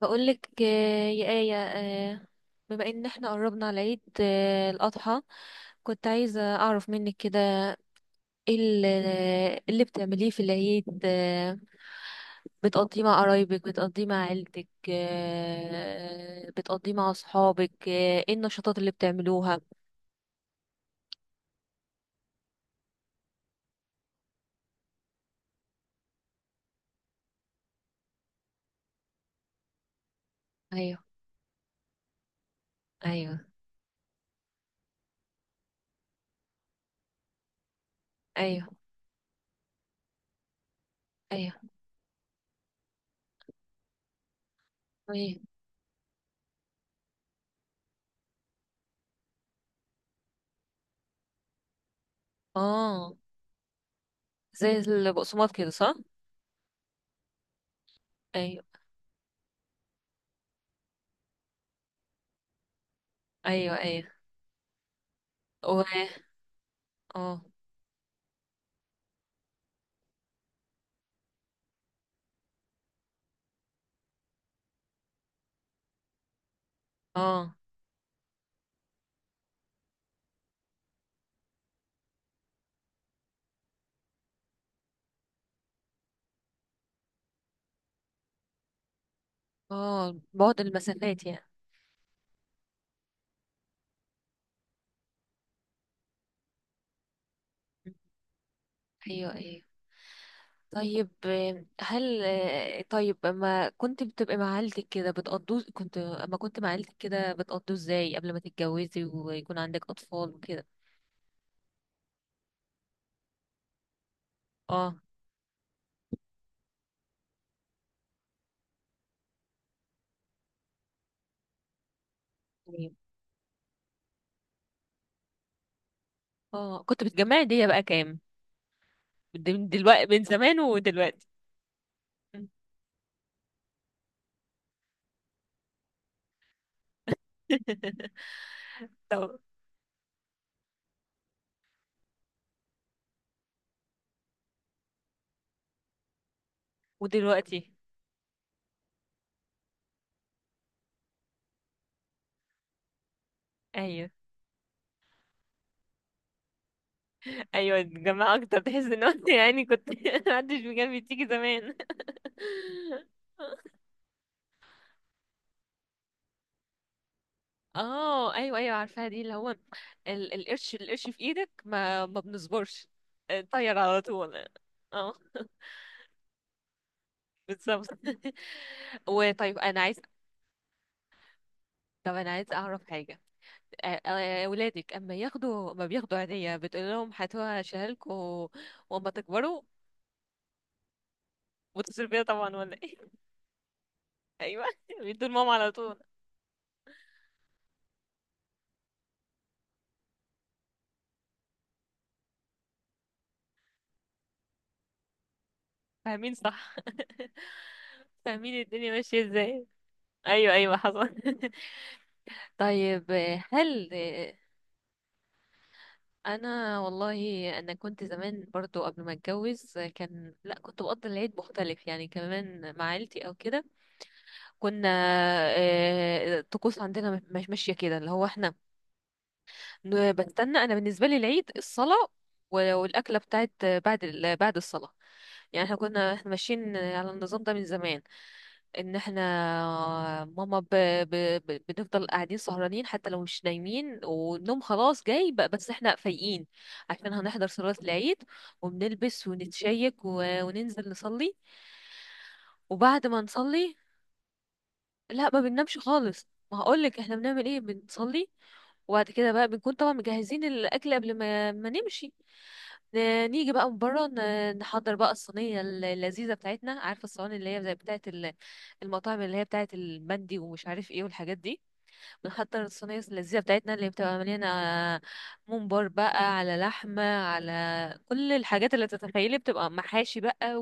بقولك، آه، يا آية، بما ان احنا قربنا على عيد الأضحى، كنت عايزة أعرف منك كده ايه اللي بتعمليه في العيد، بتقضيه مع قرايبك، بتقضيه مع عيلتك، بتقضيه مع أصحابك، ايه النشاطات اللي بتعملوها؟ ايوه، ايوه، ايوه، ايوه، ايوه. اه، زي البقسماط كده، صح. ايوه، ايوه، ايوه. و- اه، اه، اه، بعد المسافات يعني. ايوه، ايوه. طيب، آه، هل آه، طيب، اما كنت مع عيلتك كده بتقضوا ازاي قبل ما تتجوزي ويكون عندك اطفال وكده؟ اه، تمام. اه، كنت بتجمعي دي بقى كام دلوقتي، من زمان ودلوقتي؟ طب ودلوقتي؟ ايوه، ايوه، الجماعة اكتر، تحس ان انت يعني كنت محدش بجنبي تيجي زمان. اه، ايوه، ايوه، عارفاها دي اللي هو القرش، في ايدك ما بنصبرش، طير على طول. اه، بالظبط. وطيب انا عايز، طب انا عايز اعرف حاجه. ولادك اما ياخدوا، ما بياخدوا عيدية بتقول لهم هاتوها شهالكوا واما تكبروا وتصرفيها طبعا، ولا ايه؟ ايوه، بيدوا لماما على طول. فاهمين، صح، فاهمين الدنيا ماشيه ازاي. ايوه، ايوه، حصل. طيب، آه، هل انا والله انا كنت زمان برضو قبل ما اتجوز كان، لا كنت بقضي العيد مختلف يعني كمان مع عيلتي او كده. كنا، الطقوس عندنا مش ماشيه كده، اللي هو احنا بستنى انا بالنسبه لي العيد الصلاه والاكله بتاعت بعد الصلاه. يعني احنا كنا، احنا ماشيين على النظام ده من زمان، ان احنا ماما بنفضل قاعدين سهرانين حتى لو مش نايمين، والنوم خلاص جاي بقى، بس احنا فايقين عشان هنحضر صلاة العيد. وبنلبس ونتشيك، وننزل نصلي. وبعد ما نصلي، لا ما بننامش خالص. ما هقولك احنا بنعمل ايه، بنصلي، وبعد كده بقى بنكون طبعا مجهزين الاكل قبل ما نمشي. نيجي بقى من بره، نحضر بقى الصينيه اللذيذه بتاعتنا، عارفه الصواني اللي هي زي بتاعه المطاعم اللي هي بتاعه المندي ومش عارف ايه والحاجات دي. بنحضر الصينيه اللذيذه بتاعتنا اللي بتبقى مليانه ممبار بقى، على لحمه، على كل الحاجات اللي تتخيلي، بتبقى محاشي بقى.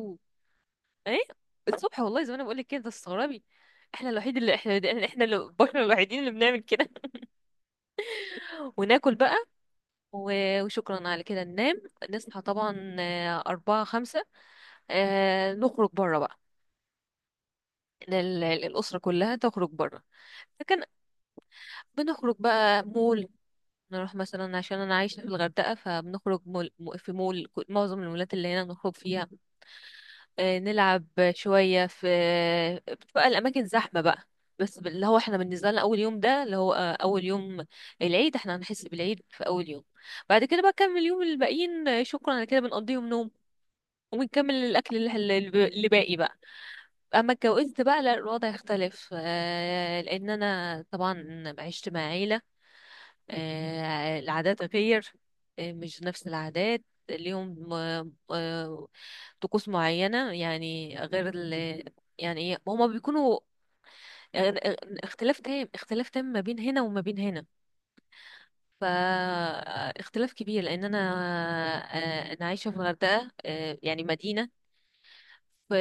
ايه؟ الصبح والله، زي ما انا بقول لك كده تستغربي. احنا الوحيد اللي احنا، احنا اللي بشر الوحيدين اللي بنعمل كده. وناكل بقى، وشكرا على كده ننام. نصحى طبعا، أربعة خمسة، نخرج بره بقى. الأسرة كلها تخرج بره. فكان، بنخرج بقى مول، نروح مثلا، عشان أنا عايشة في الغردقة، فبنخرج مول، معظم المولات اللي هنا نخرج فيها. نلعب شوية في، بتبقى الأماكن زحمة بقى، بس اللي هو احنا بالنسبة لنا أول يوم ده اللي هو، أول يوم العيد، احنا هنحس بالعيد في أول يوم. بعد كده بقى نكمل اليوم الباقيين، شكرا على كده بنقضيهم نوم، وبنكمل الأكل اللي باقي بقى. أما اتجوزت بقى، لا، الوضع يختلف، لأن أنا طبعا عشت مع عيلة، العادات غير، مش نفس العادات ليهم، طقوس معينة يعني غير ال، يعني إيه، هما بيكونوا، آه، اختلاف تام، اختلاف تام ما بين هنا وما بين هنا. فاختلاف كبير، لأن أنا، أنا عايشة في الغردقة، يعني مدينة. ف-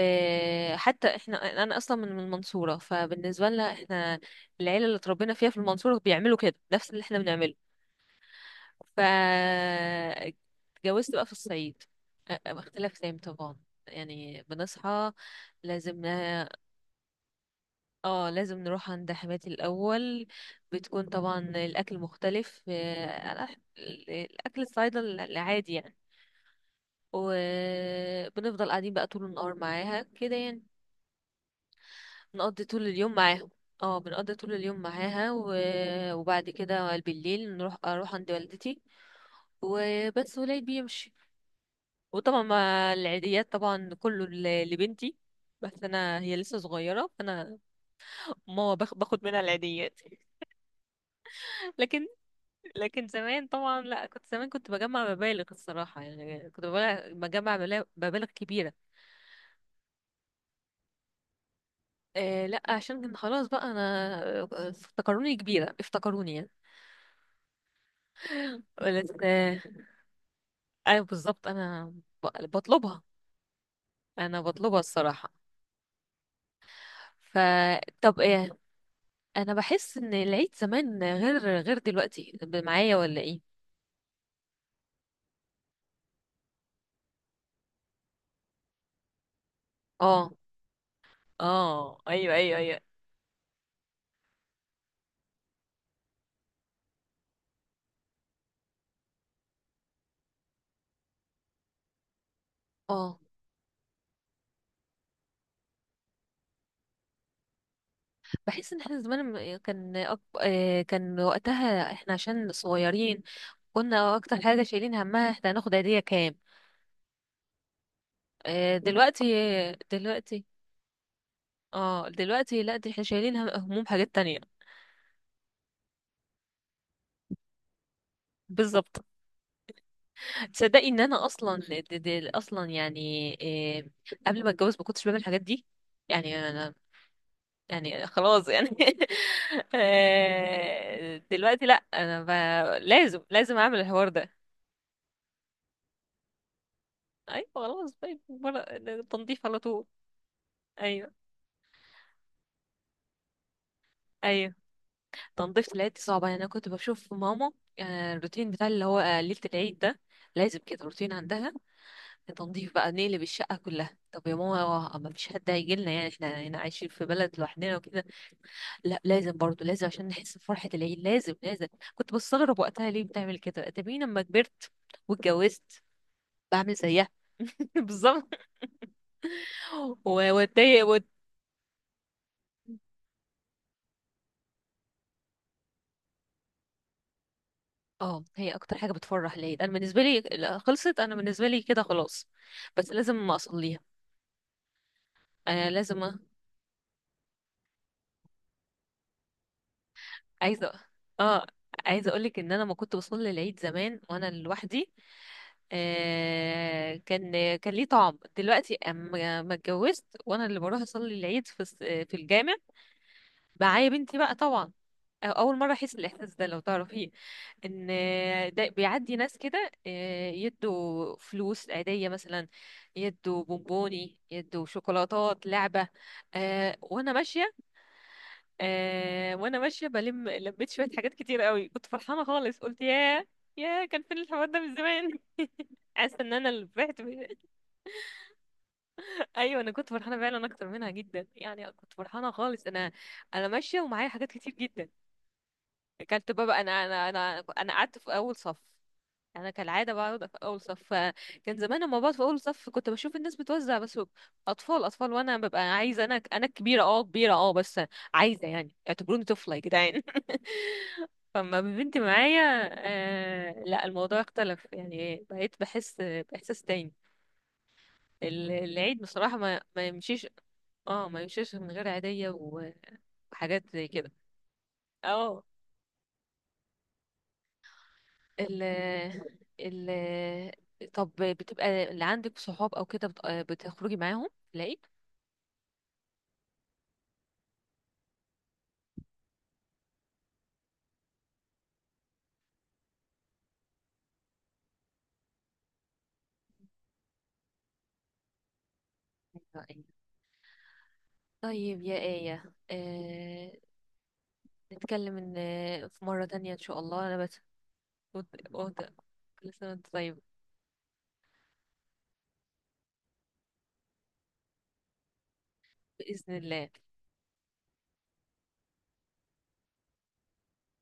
حتى احنا، انا اصلا من المنصوره، فبالنسبه لنا احنا، العيله اللي اتربينا فيها في المنصوره بيعملوا كده نفس اللي احنا بنعمله. ف، اتجوزت بقى في الصعيد، اختلاف تام طبعا. يعني بنصحى، لازم اه لازم نروح عند حماتي الأول. بتكون طبعا الأكل مختلف، الأكل الصعيدي العادي يعني. وبنفضل قاعدين بقى طول النهار معاها كده يعني، نقضي طول اليوم معاها. اه، بنقضي طول اليوم معاها، وبعد كده بالليل نروح، اروح عند والدتي وبس، ولاد بيمشي. وطبعا مع العيديات طبعا كله لبنتي، بس انا هي لسه صغيره، فانا ماما باخد منها العيديات. لكن، لكن زمان طبعا لا، كنت زمان كنت بجمع مبالغ الصراحه، يعني كنت بجمع، مبالغ كبيره. لا، عشان كان خلاص بقى انا، افتكروني كبيره، افتكروني يعني. بس ايوه بالظبط. انا بطلبها، انا بطلبها الصراحه. فطب ايه، انا بحس ان العيد زمان غير، غير دلوقتي، معايا ولا ايه؟ اه، اه، ايوه، ايوه، ايوه. اه، بحس ان احنا زمان لما كان أك... آه، كان وقتها احنا عشان صغيرين، كنا اكتر حاجه شايلين همها احنا هناخد هديه كام. دلوقتي، دلوقتي، اه دلوقتي لا، دي احنا شايلين هموم حاجات تانية. بالظبط. تصدقي ان انا اصلا، دي، دي اصلا يعني، آه، قبل ما اتجوز ما كنتش بعمل الحاجات دي. يعني انا، يعني خلاص يعني. دلوقتي لا، انا لازم، لازم اعمل الحوار ده. ايوه خلاص، طيب مرة تنظيف على طول. ايوه، ايوه، تنظيف العيد دي صعبة يعني. انا كنت بشوف ماما، يعني الروتين بتاع اللي هو، ليلة العيد ده لازم كده روتين عندها. تنظيف بقى، نقلب الشقة كلها. طب يا ماما هو ما فيش حد هيجي لنا، يعني احنا هنا عايشين في بلد لوحدنا وكده. لا لازم برضو، لازم عشان نحس بفرحة العيد، لازم، لازم. كنت بستغرب وقتها ليه بتعمل كده، تبين لما كبرت واتجوزت بعمل زيها. بالظبط. واتضايق. اه، هي اكتر حاجه بتفرح ليا انا بالنسبه لي، لا، خلصت انا بالنسبه لي كده خلاص، بس لازم اصليها. انا لازم عايزه، اه عايزه اقولك ان انا ما كنت بصلي العيد زمان وانا لوحدي. آه كان، كان ليه طعم دلوقتي اما ما اتجوزت وانا اللي بروح اصلي العيد في في الجامع، معايا بنتي بقى طبعا. اول مره احس بالاحساس ده، لو تعرفيه. ان ده بيعدي ناس كده، يدوا فلوس عاديه مثلا، يدوا بونبوني، يدوا شوكولاتات، لعبه. وانا ماشيه، وانا ماشيه بلم لبيت شويه حاجات، كتير قوي، كنت فرحانه خالص. قلت ياه، ياه كان فين الحوار ده من زمان. حاسه ان انا اللي فرحت بيه. ايوه، انا كنت فرحانه فعلا اكتر منها جدا يعني، كنت فرحانه خالص انا، انا ماشيه ومعايا حاجات كتير جدا. كانت بابا، انا قعدت في اول صف، انا كالعاده بقعد في اول صف. كان زمان لما بقعد في اول صف كنت بشوف الناس بتوزع بس اطفال، اطفال، وانا ببقى عايزه، انا كبيره، اه كبيره، اه بس عايزه يعني اعتبروني طفله يا جدعان. فما بنتي معايا. آه لا، الموضوع اختلف يعني، بقيت بحس باحساس تاني. العيد بصراحه ما يمشيش. اه، ما يمشيش من غير عيديه وحاجات زي كده. اه، ال، ال، طب بتبقى اللي عندك صحاب او كده بتخرجي معاهم، تلاقي، أيوة، أيوة. طيب يا آية، نتكلم إن، في مرة تانية إن شاء الله. أنا بس، وأنت وأنت- كل سنة وأنت طيب. بإذن الله.